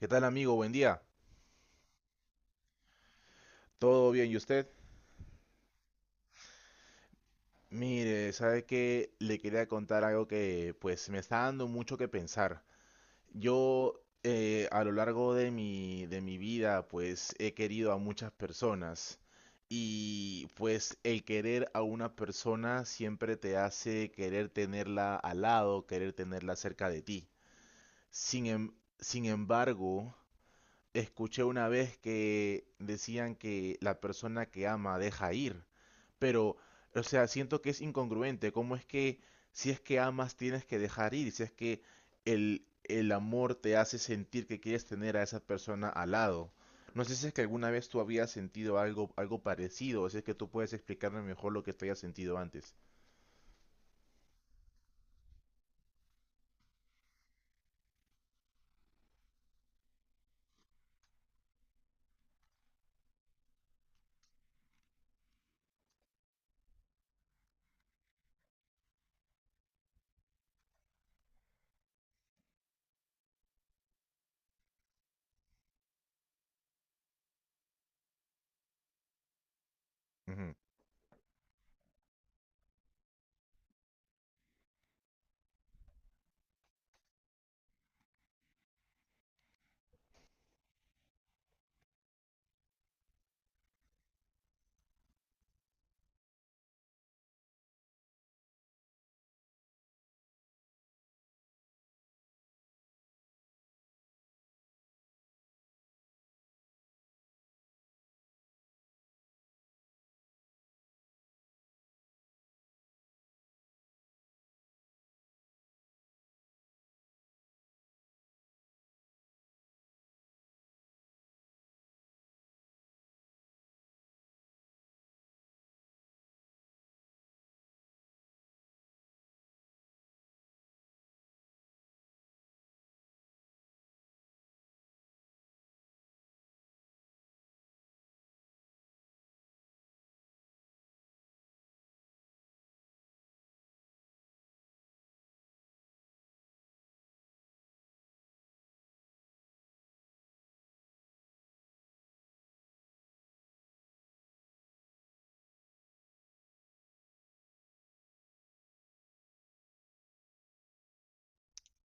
¿Qué tal, amigo? Buen día. ¿Todo bien? ¿Y usted? Mire, sabe que le quería contar algo que pues me está dando mucho que pensar. Yo a lo largo de mi vida pues he querido a muchas personas y pues el querer a una persona siempre te hace querer tenerla al lado, querer tenerla cerca de ti. Sin embargo, escuché una vez que decían que la persona que ama deja ir, pero, o sea, siento que es incongruente. ¿Cómo es que si es que amas tienes que dejar ir? Si es que el amor te hace sentir que quieres tener a esa persona al lado. No sé si es que alguna vez tú habías sentido algo parecido, o si es que tú puedes explicarme mejor lo que tú hayas sentido antes. Ujú.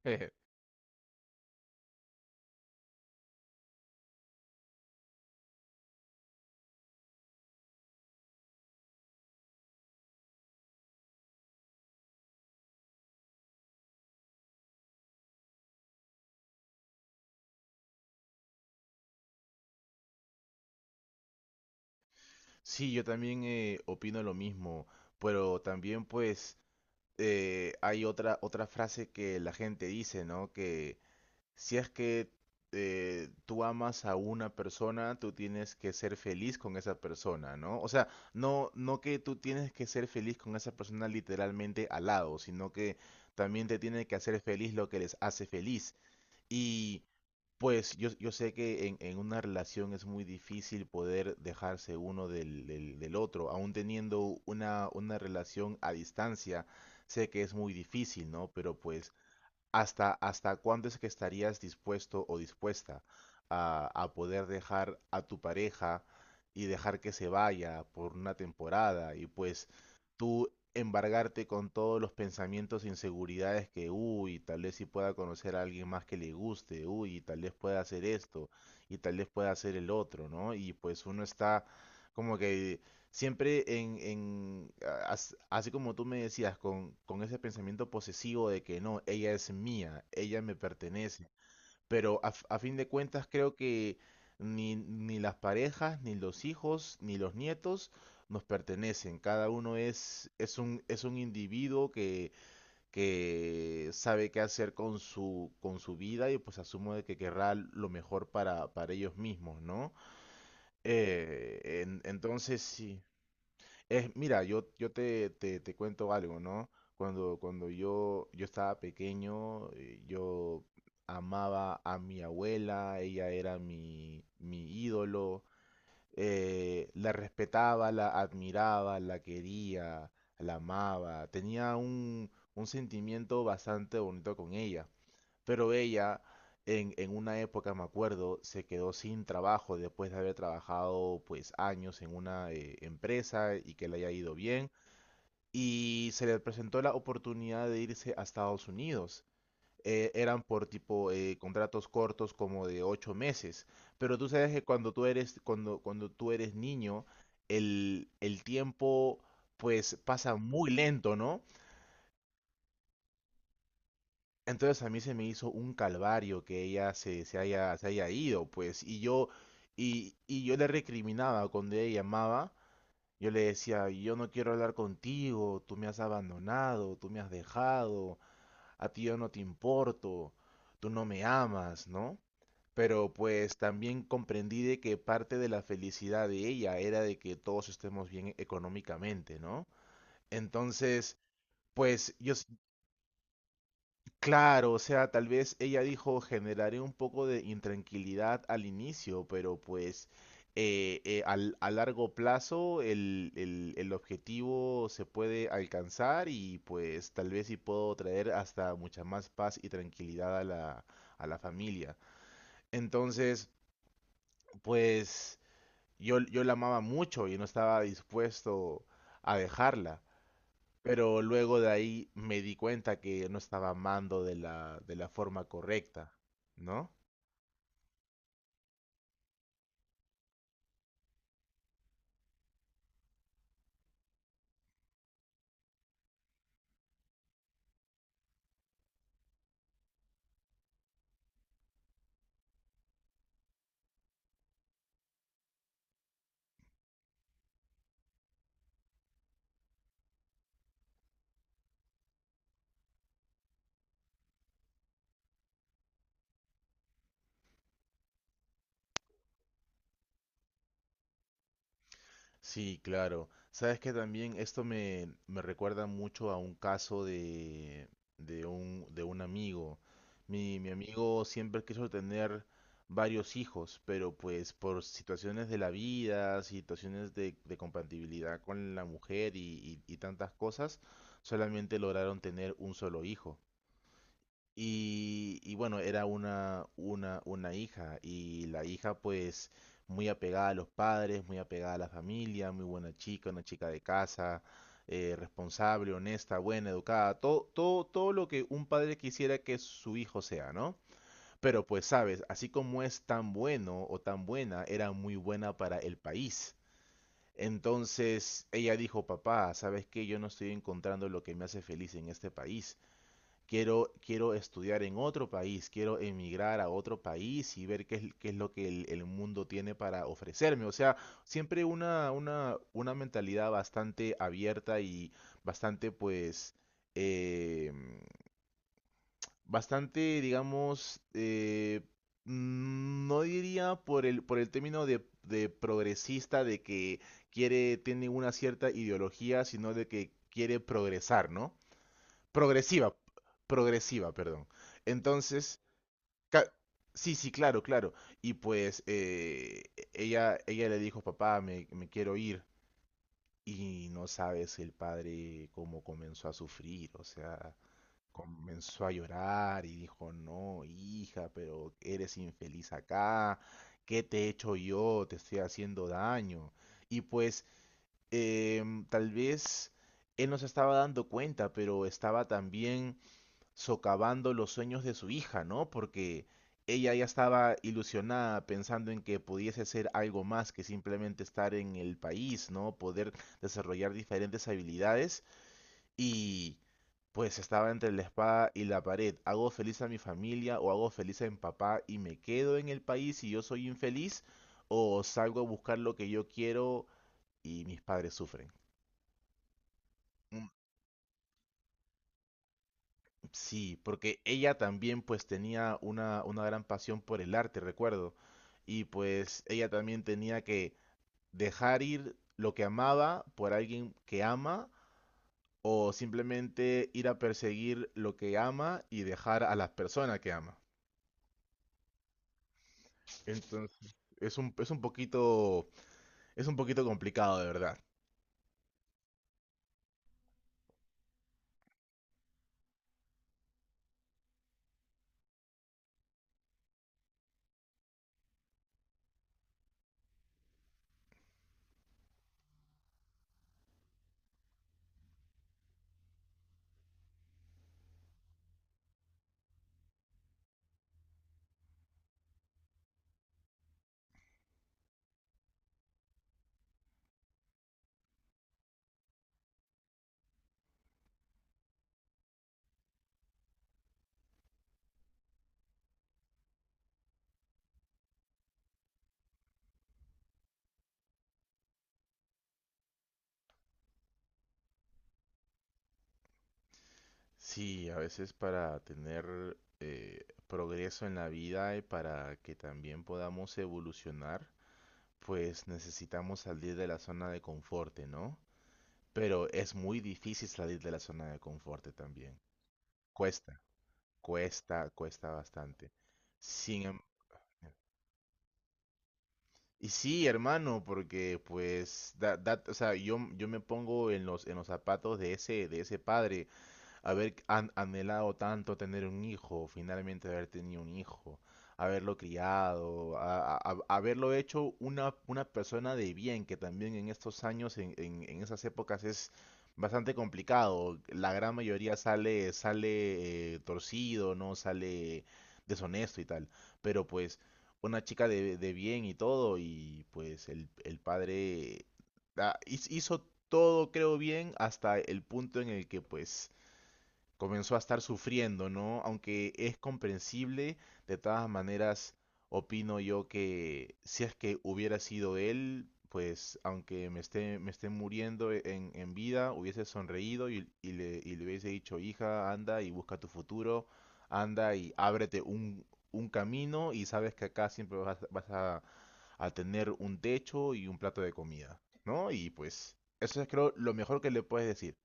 Sí, yo también opino lo mismo, pero también pues hay otra frase que la gente dice, ¿no? Que si es que tú amas a una persona, tú tienes que ser feliz con esa persona, ¿no? O sea, no que tú tienes que ser feliz con esa persona literalmente al lado, sino que también te tiene que hacer feliz lo que les hace feliz. Y pues yo sé que en una relación es muy difícil poder dejarse uno del otro, aún teniendo una relación a distancia, sé que es muy difícil, ¿no? Pero pues ¿hasta, hasta cuándo es que estarías dispuesto o dispuesta a poder dejar a tu pareja y dejar que se vaya por una temporada y pues tú embargarte con todos los pensamientos e inseguridades que, uy, tal vez si pueda conocer a alguien más que le guste, uy, tal vez pueda hacer esto y tal vez pueda hacer el otro, ¿no? Y pues uno está como que siempre así como tú me decías, con ese pensamiento posesivo de que no, ella es mía, ella me pertenece. Pero a fin de cuentas creo que ni las parejas, ni los hijos, ni los nietos nos pertenecen. Cada uno es un individuo que sabe qué hacer con su vida y pues asumo de que querrá lo mejor para ellos mismos, ¿no? Entonces sí. Es, mira, te cuento algo, ¿no? Yo estaba pequeño, yo amaba a mi abuela, ella era mi ídolo, la respetaba, la admiraba, la quería, la amaba, tenía un sentimiento bastante bonito con ella. Pero ella, en una época, me acuerdo, se quedó sin trabajo después de haber trabajado pues años en una empresa y que le haya ido bien. Y se le presentó la oportunidad de irse a Estados Unidos. Eran por tipo contratos cortos como de ocho meses. Pero tú sabes que cuando tú eres niño, el tiempo pues pasa muy lento, ¿no? Entonces a mí se me hizo un calvario que ella se haya ido, pues, y yo le recriminaba cuando ella llamaba, yo le decía, yo no quiero hablar contigo, tú me has abandonado, tú me has dejado, a ti yo no te importo, tú no me amas, ¿no? Pero pues también comprendí de que parte de la felicidad de ella era de que todos estemos bien económicamente, ¿no? Entonces, pues yo, claro, o sea, tal vez ella dijo, generaré un poco de intranquilidad al inicio, pero pues a largo plazo el objetivo se puede alcanzar y pues tal vez sí puedo traer hasta mucha más paz y tranquilidad a la familia. Entonces, pues yo la amaba mucho y no estaba dispuesto a dejarla. Pero luego de ahí me di cuenta que no estaba amando de la forma correcta, ¿no? Sí, claro. Sabes que también esto me recuerda mucho a un caso de un amigo. Mi amigo siempre quiso tener varios hijos, pero pues por situaciones de la vida, situaciones de compatibilidad con la mujer y tantas cosas, solamente lograron tener un solo hijo. Y bueno, era una hija y la hija pues muy apegada a los padres, muy apegada a la familia, muy buena chica, una chica de casa, responsable, honesta, buena, educada, todo, todo, todo lo que un padre quisiera que su hijo sea, ¿no? Pero pues sabes, así como es tan bueno o tan buena, era muy buena para el país. Entonces ella dijo, papá, ¿sabes qué? Yo no estoy encontrando lo que me hace feliz en este país, quiero estudiar en otro país, quiero emigrar a otro país y ver qué es lo que el mundo tiene para ofrecerme. O sea, siempre una mentalidad bastante abierta y bastante, pues, eh, bastante, digamos, no diría por el término de progresista, de que quiere, tiene una cierta ideología, sino de que quiere progresar, ¿no? Progresiva, Progresiva, perdón. Entonces, ca- sí, sí, claro, claro. Y pues ella, ella le dijo, papá, me quiero ir. Y no sabes el padre cómo comenzó a sufrir, o sea, comenzó a llorar y dijo, no, hija, pero eres infeliz acá, ¿qué te he hecho yo? Te estoy haciendo daño. Y pues tal vez él no se estaba dando cuenta, pero estaba también socavando los sueños de su hija, ¿no? Porque ella ya estaba ilusionada pensando en que pudiese ser algo más que simplemente estar en el país, ¿no? Poder desarrollar diferentes habilidades y pues estaba entre la espada y la pared. ¿Hago feliz a mi familia o hago feliz a mi papá y me quedo en el país y yo soy infeliz? ¿O salgo a buscar lo que yo quiero y mis padres sufren? Sí, porque ella también pues tenía una gran pasión por el arte, recuerdo. Y pues ella también tenía que dejar ir lo que amaba por alguien que ama o simplemente ir a perseguir lo que ama y dejar a las personas que ama. Entonces, es un, es un poquito, es un poquito complicado, de verdad. Sí, a veces para tener progreso en la vida y para que también podamos evolucionar, pues necesitamos salir de la zona de confort, ¿no? Pero es muy difícil salir de la zona de confort también. Cuesta, cuesta, cuesta bastante. Sin, em- Y sí, hermano, porque pues o sea, yo me pongo en los zapatos de ese padre, haber anhelado tanto tener un hijo, finalmente haber tenido un hijo, haberlo criado, haberlo hecho una persona de bien, que también en estos años, en esas épocas es bastante complicado. La gran mayoría sale, sale torcido, ¿no? Sale deshonesto y tal. Pero pues una chica de bien y todo, y pues el padre hizo todo, creo bien, hasta el punto en el que pues comenzó a estar sufriendo, ¿no? Aunque es comprensible, de todas maneras, opino yo que si es que hubiera sido él, pues aunque me esté muriendo en vida, hubiese sonreído y, y le hubiese dicho, hija, anda y busca tu futuro, anda y ábrete un camino y sabes que acá siempre a tener un techo y un plato de comida, ¿no? Y pues eso es creo lo mejor que le puedes decir.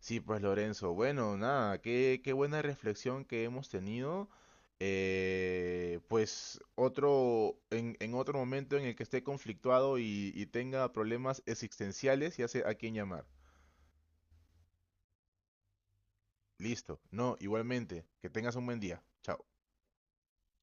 Sí, pues Lorenzo, bueno, nada, qué buena reflexión que hemos tenido. En otro momento en el que esté conflictuado y tenga problemas existenciales, ya sé a quién llamar. Listo. No, igualmente, que tengas un buen día. Chao.